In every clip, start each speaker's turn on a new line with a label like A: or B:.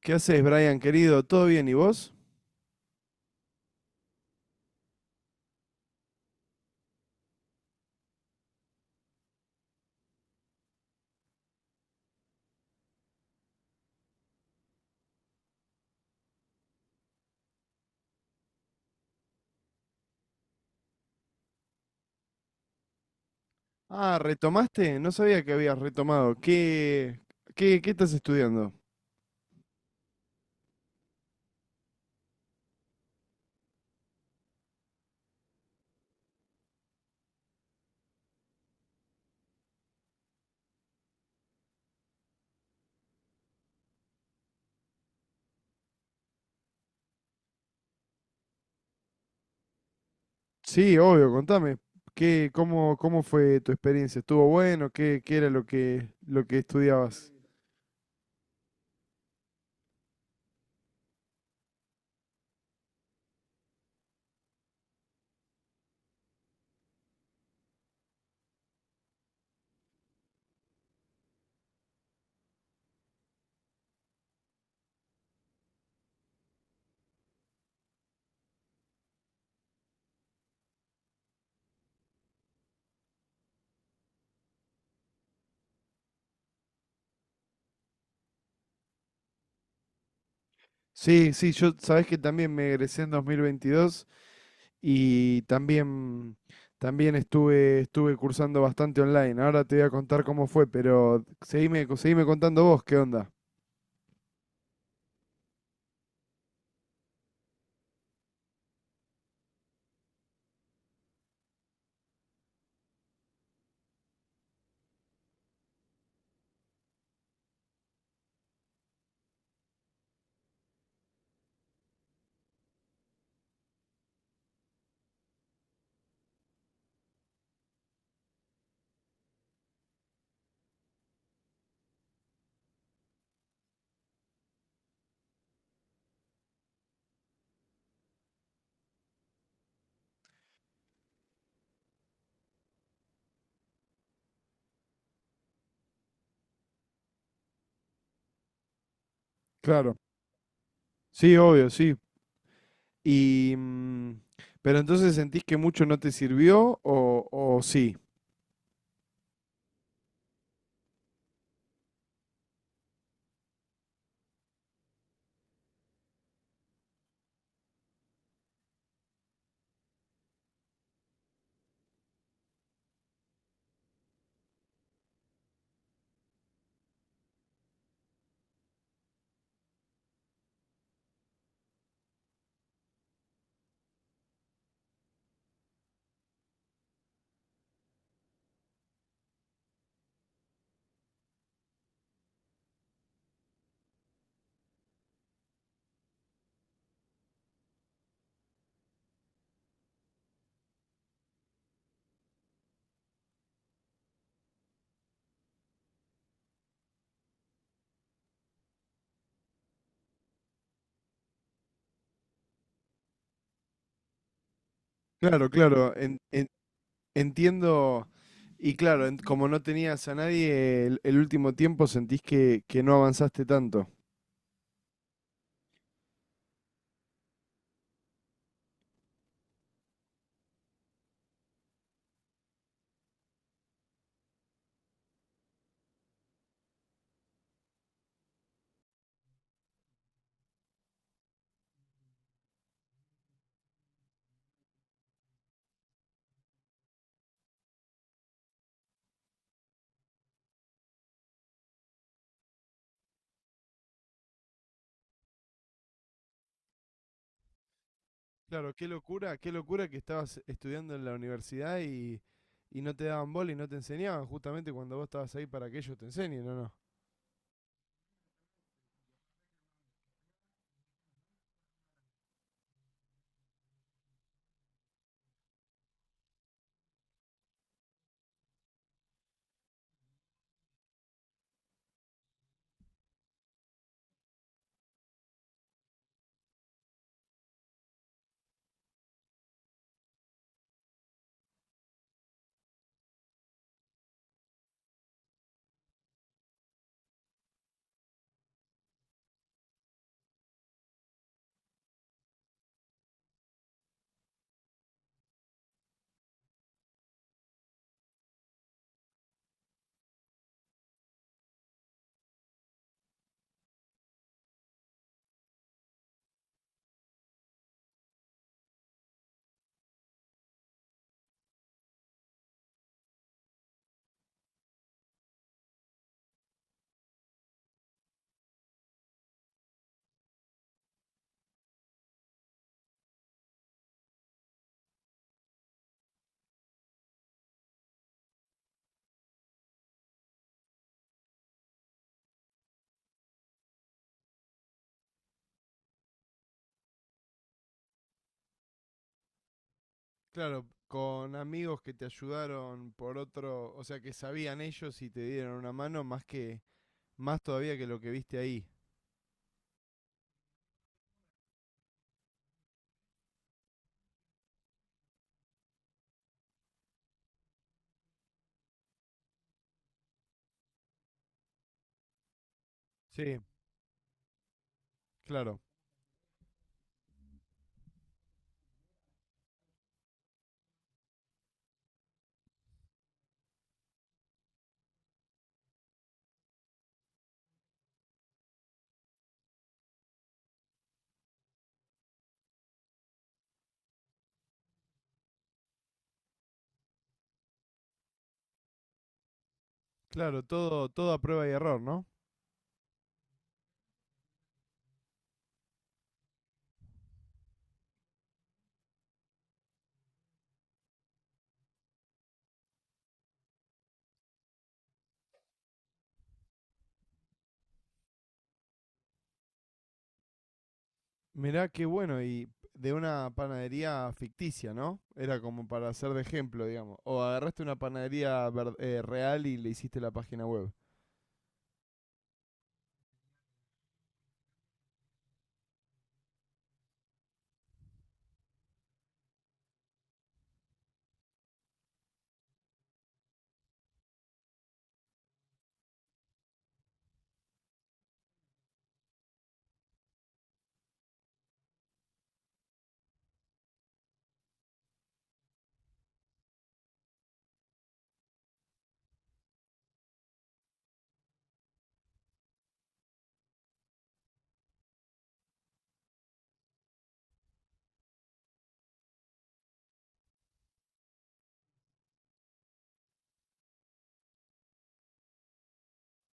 A: ¿Qué haces, Brian, querido? ¿Todo bien? ¿Y vos? Ah, ¿retomaste? No sabía que habías retomado. ¿Qué estás estudiando? Sí, obvio, contame. ¿Qué, cómo, cómo fue tu experiencia? ¿Estuvo bueno? ¿Qué era lo que estudiabas? Sí, sí, yo sabés que también me egresé en 2022. Y también, también estuve cursando bastante online. Ahora te voy a contar cómo fue, pero seguime contando vos, ¿qué onda? Claro. Sí, obvio, sí. Y, pero entonces sentís que mucho no te sirvió o sí. Claro, claro. Entiendo. Y claro, como no tenías a nadie el último tiempo, sentís que no avanzaste tanto. Claro, qué locura que estabas estudiando en la universidad y no te daban bola y no te enseñaban, justamente cuando vos estabas ahí para que ellos te enseñen, ¿o no? Claro, con amigos que te ayudaron por otro, o sea, que sabían ellos y te dieron una mano más más todavía que lo que viste ahí. Sí, claro, claro, todo, todo a prueba y error, ¿no? Mirá qué bueno, y de una panadería ficticia, ¿no? Era como para hacer de ejemplo, digamos. O agarraste una real y le hiciste la página web.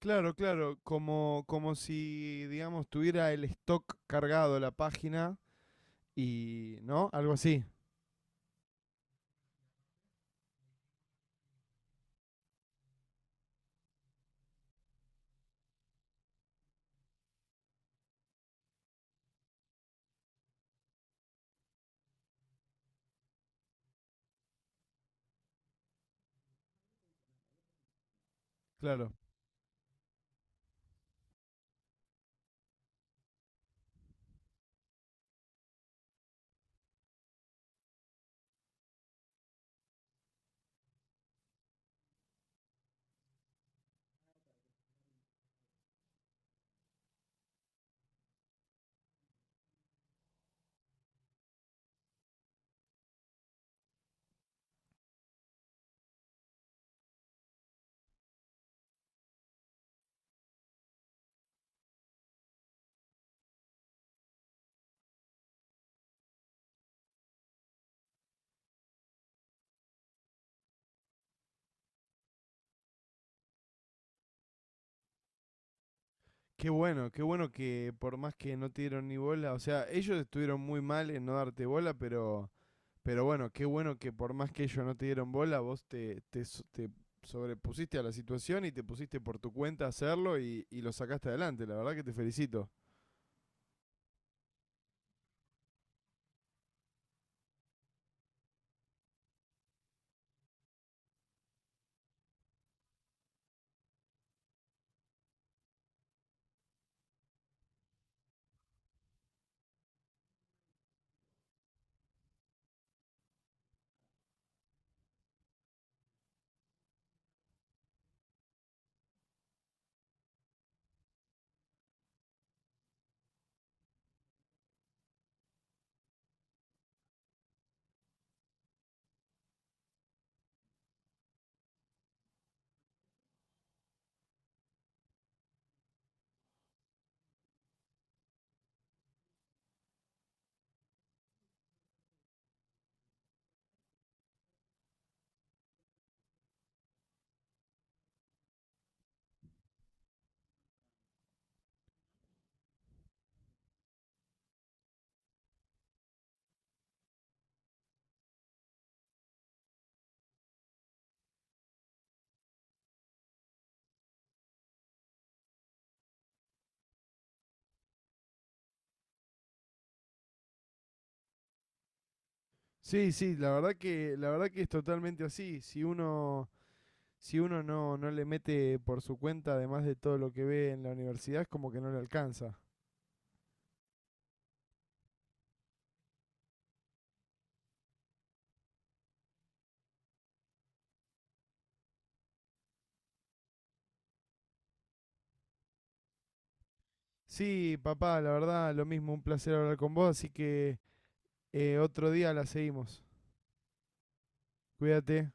A: Claro, claro, como, como si, digamos, tuviera el stock cargado la página y, ¿no? Algo así, claro. Qué bueno que por más que no te dieron ni bola, o sea, ellos estuvieron muy mal en no darte bola, pero bueno, qué bueno que por más que ellos no te dieron bola, vos te, te, so- te sobrepusiste a la situación y te pusiste por tu cuenta a hacerlo y lo sacaste adelante. La verdad que te felicito. Sí, sí, la verdad que es totalmente así. Si uno no le mete por su cuenta, además de todo lo que ve en la universidad, es como que no le alcanza. Sí, papá, la verdad, lo mismo, un placer hablar con vos, así que otro día la seguimos. Cuídate.